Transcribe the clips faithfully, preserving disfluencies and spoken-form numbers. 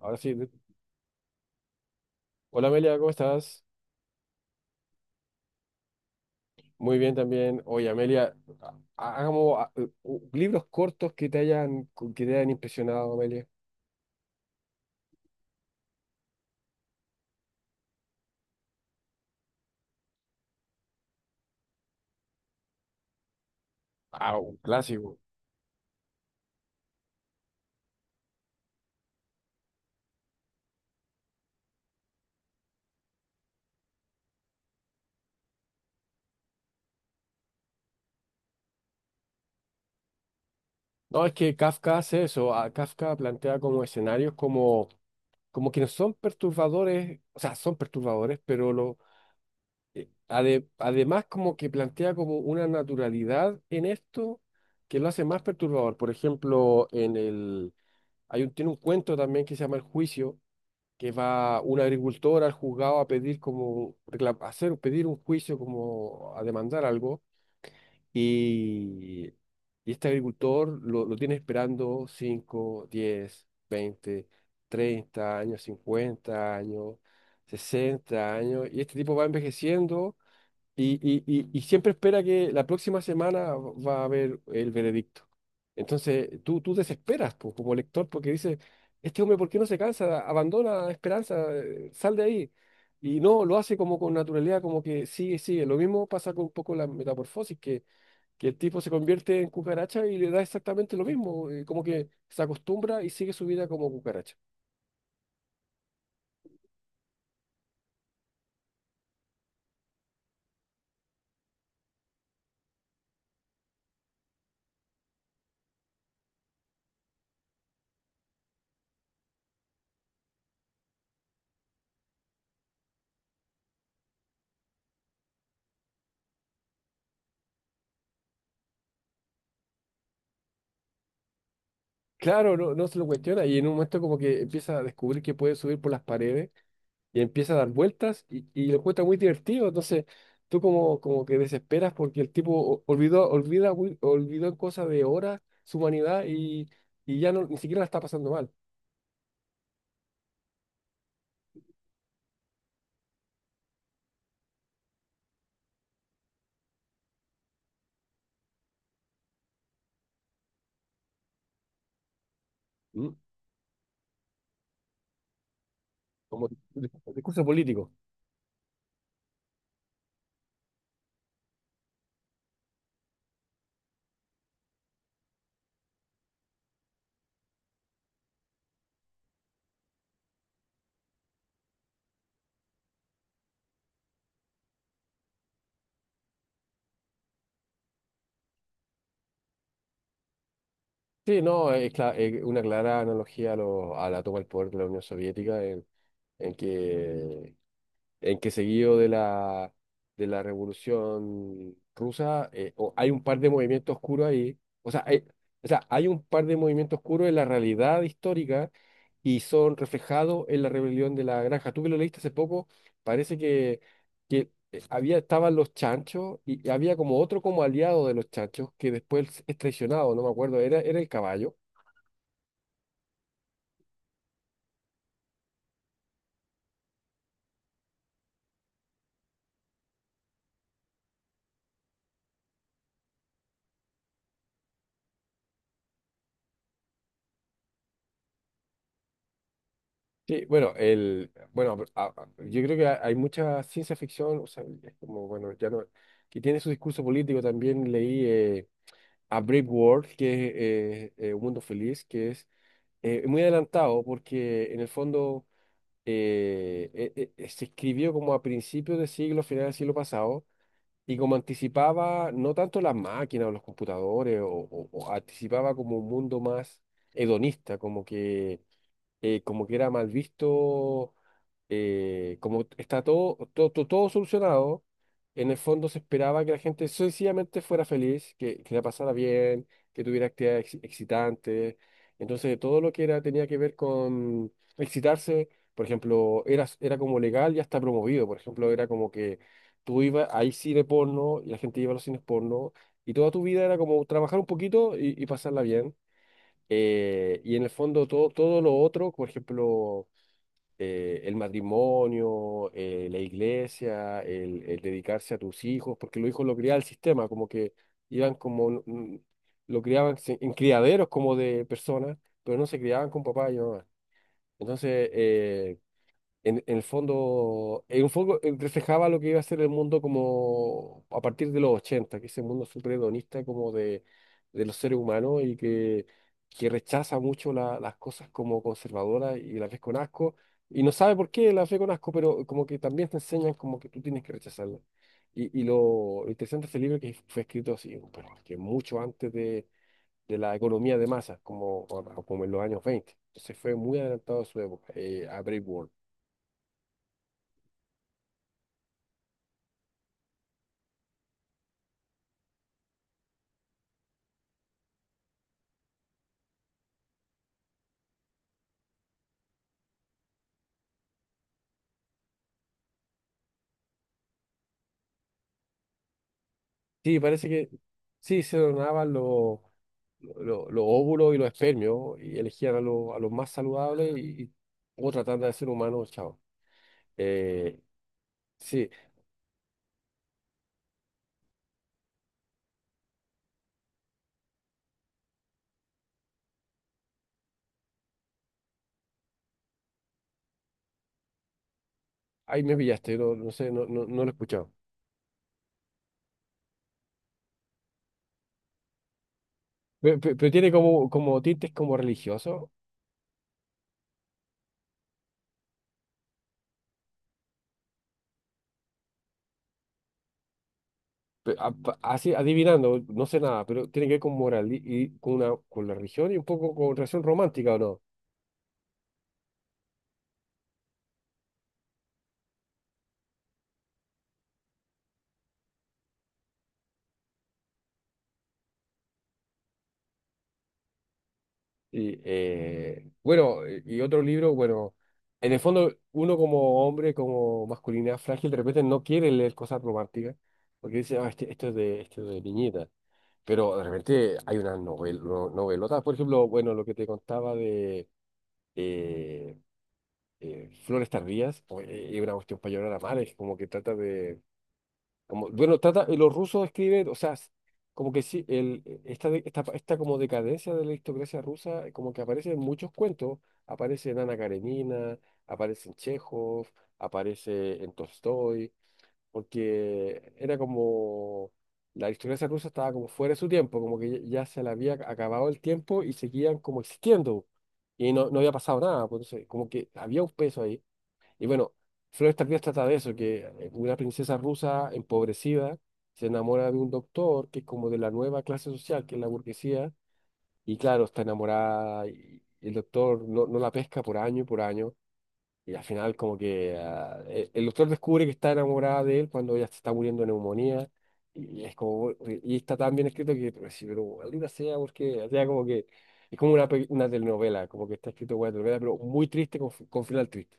Ahora sí. de- Hola Amelia, ¿cómo estás? Muy bien también. Oye, Amelia, ha- hagamos ah, eh, u- libros cortos que te hayan, que te hayan impresionado, Amelia. Ah, un clásico. No, es que Kafka hace eso. ah, Kafka plantea como escenarios como, como que no son perturbadores, o sea, son perturbadores, pero lo, eh, ade- además como que plantea como una naturalidad en esto que lo hace más perturbador. Por ejemplo, en el, hay un, tiene un cuento también que se llama El Juicio, que va un agricultor al juzgado a pedir como, reclam- hacer, pedir un juicio, como a demandar algo, y, y este agricultor lo, lo tiene esperando cinco, diez, veinte, treinta años, cincuenta años, sesenta años, y este tipo va envejeciendo y, y- y- y siempre espera que la próxima semana va a haber el veredicto. Entonces, tú, tú desesperas po, como lector porque dices: este hombre, ¿por qué no se cansa? Abandona esperanza, eh, sal de ahí. Y no, lo hace como con naturalidad, como que sigue, sigue. Lo mismo pasa con un poco la Metamorfosis, que, que el tipo se convierte en cucaracha y le da exactamente lo mismo, eh, como que se acostumbra y sigue su vida como cucaracha. Claro, no, no se lo cuestiona, y en un momento como que empieza a descubrir que puede subir por las paredes y empieza a dar vueltas, y, y lo encuentra muy divertido. Entonces, tú como, como que desesperas porque el tipo o- olvidó, olvida, muy- olvidó en cosa de horas su humanidad, y, y ya no, ni siquiera la está pasando mal. ¿Mm? Como dis- discurso político. Sí, no, es, cla- es una clara analogía a, lo- a la toma del poder de la Unión Soviética, en, en que en que seguido de la, de la Revolución Rusa, eh, o- hay un par de movimientos oscuros ahí. O sea, hay, o sea, hay un par de movimientos oscuros en la realidad histórica, y son reflejados en la Rebelión de la Granja. Tú que lo leíste hace poco, parece que, que eh, había, estaban los chanchos, y y había como otro, como aliado de los chanchos, que después es traicionado, no me acuerdo, era, era el caballo. Sí, bueno, el, bueno, pero, ah, ah, yo creo que ha- hay mucha ciencia ficción, o sea, es como, bueno, ya no, que tiene su discurso político. También leí eh, A Brave World, que es eh, eh, Un Mundo Feliz, que es eh, muy adelantado porque en el fondo eh, eh, eh, eh, se escribió como a principios de siglo, final del siglo pasado, y como anticipaba no tanto las máquinas o los computadores, o, o- o anticipaba como un mundo más hedonista, como que eh, como que era mal visto, eh, como está todo, todo, todo, todo solucionado. En el fondo se esperaba que la gente sencillamente fuera feliz, que, que la pasara bien, que tuviera actividades ex- excitantes. Entonces, todo lo que era, tenía que ver con excitarse, por ejemplo, era, era como legal y hasta promovido. Por ejemplo, era como que tú ibas, hay cine porno y la gente iba a los cines porno. Y toda tu vida era como trabajar un poquito y, y pasarla bien. Eh, y en el fondo todo, todo lo otro, por ejemplo, eh, el matrimonio, eh, la iglesia, el, el dedicarse a tus hijos, porque los hijos lo criaba el sistema, como que iban como, n- n- lo criaban se- en criaderos como de personas, pero no se criaban con papá y mamá. Entonces, eh, en, en el fondo, en un foco eh, reflejaba lo que iba a ser el mundo como a partir de los ochenta, que ese mundo súper hedonista como de, de los seres humanos, y que, que rechaza mucho la- las cosas como conservadoras y las ves con asco, y no sabe por qué las ve con asco, pero como que también te enseñan como que tú tienes que rechazarlas. Y, y lo, lo interesante de este libro es que fue escrito así, bueno, que mucho antes de, de la economía de masas, como, como en los años veinte. Entonces fue muy adelantado a su época, eh, a World. Sí, parece que sí, se donaban los los- los óvulos y los espermios, y elegían a, los a los más saludables, y, y o tratando de ser humanos, chao. Eh, sí, ahí me pillaste, no, no sé, no, no, no lo he escuchado. Pe- pe- Pero tiene como, como, tintes como religiosos. Pe- a- pa- así adivinando, no sé nada, pero tiene que ver con moral, y, y con, una, con la religión, y un poco con relación romántica, ¿o no? Y, eh, bueno, eh, y otro libro, bueno, en el fondo uno como hombre, como masculinidad frágil, de repente no quiere leer cosas románticas, porque dice: ah, este- esto es de, esto es de niñita. Pero de repente hay unas novel, no- novelotas, por ejemplo, bueno, lo que te contaba de eh, eh, Flores Tardías. O- eh, es una cuestión para llorar a mares, como que trata de como, bueno, trata, y los rusos escriben, o sea, s- como que sí, el, eh, esta, de- esta, esta como decadencia de la aristocracia rusa, eh, como que aparece en muchos cuentos, aparece en Ana Karenina, aparece en Chekhov, aparece en Tolstoy, porque era como, la aristocracia rusa estaba como fuera de su tiempo, como que ya ya se le había acabado el tiempo y seguían como existiendo, y no, no había pasado nada, pues. Entonces, como que había un peso ahí. Y bueno, Flores Tardías trata de eso: que eh, una princesa rusa empobrecida se enamora de un doctor que es como de la nueva clase social, que es la burguesía, y claro, está enamorada, y el doctor no, no la pesca por año y por año, y al final como que ah, e- el doctor descubre que está enamorada de él cuando ella se está muriendo de neumonía, y es como, y está tan bien escrito que, pero, sí, pero maldita sea, porque, o sea, como que es como una, pe- una telenovela, como que está escrito como una telenovela, pero muy triste, con, con final triste.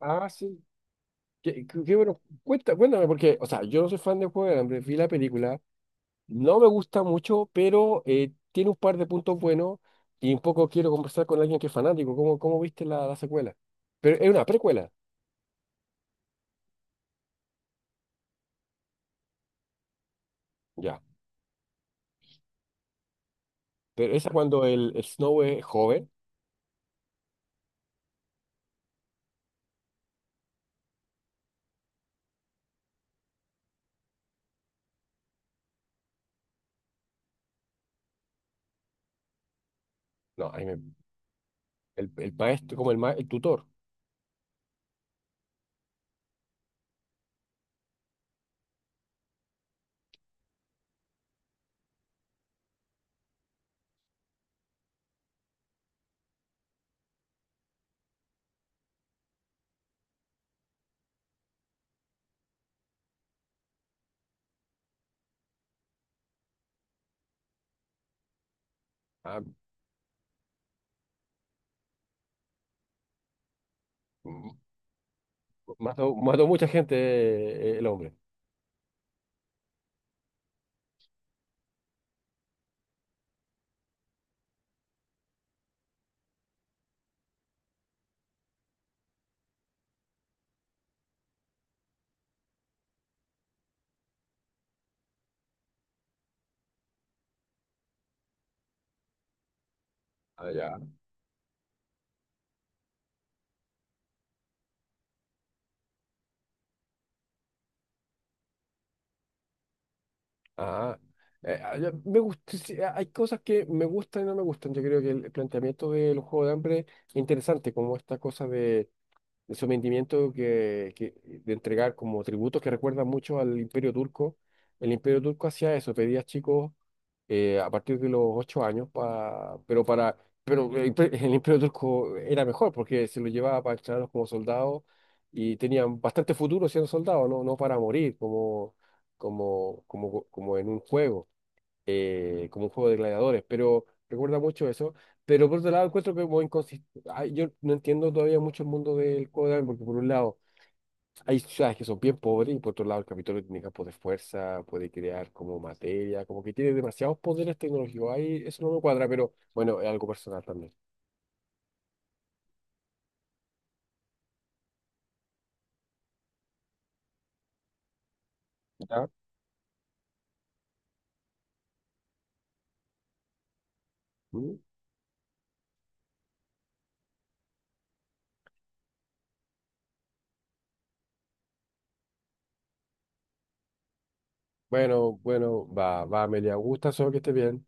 Ah, sí. Qué, qué- qué bueno, cuenta, cuéntame, porque, o sea, yo no soy fan del Juego del Hambre, vi la película, no me gusta mucho, pero eh, tiene un par de puntos buenos, y un poco quiero conversar con alguien que es fanático. ¿Cómo, cómo viste la, la secuela? Pero es una precuela, ya, pero esa cuando el, el Snow es joven. No, ahí me- el, el maestro, como el, ma- el tutor. Ah, m- mató, mató mucha gente, eh, el hombre. Ah, eh, ah, ya, me gust- sí, ah, hay cosas que me gustan y no me gustan. Yo creo que el planteamiento del Juego de hambre es interesante, como esta cosa de, de sometimiento, que, que- de entregar como tributos, que recuerdan mucho al Imperio Turco. El Imperio Turco hacía eso, pedía a chicos eh, a partir de los ocho años, pa- pero para pero el, imper- el Imperio Turco era mejor porque se lo llevaba para entrenarlos como soldados, y tenían bastante futuro siendo soldados, no, no para morir como, como, como, como en un juego, eh, como un juego de gladiadores, pero recuerda mucho eso. Pero por otro lado, encuentro que como inconsistente. Yo no entiendo todavía mucho el mundo del Juego de Dragon, porque por un lado hay ciudades que son bien pobres, y por otro lado el Capitolio tiene campos de fuerza, puede crear como materia, como que tiene demasiados poderes tecnológicos. Ahí eso no me cuadra, pero bueno, es algo personal también. ¿Ya? ¿Mm? Bueno, bueno, va, va, Amelia, gusta, solo que esté bien.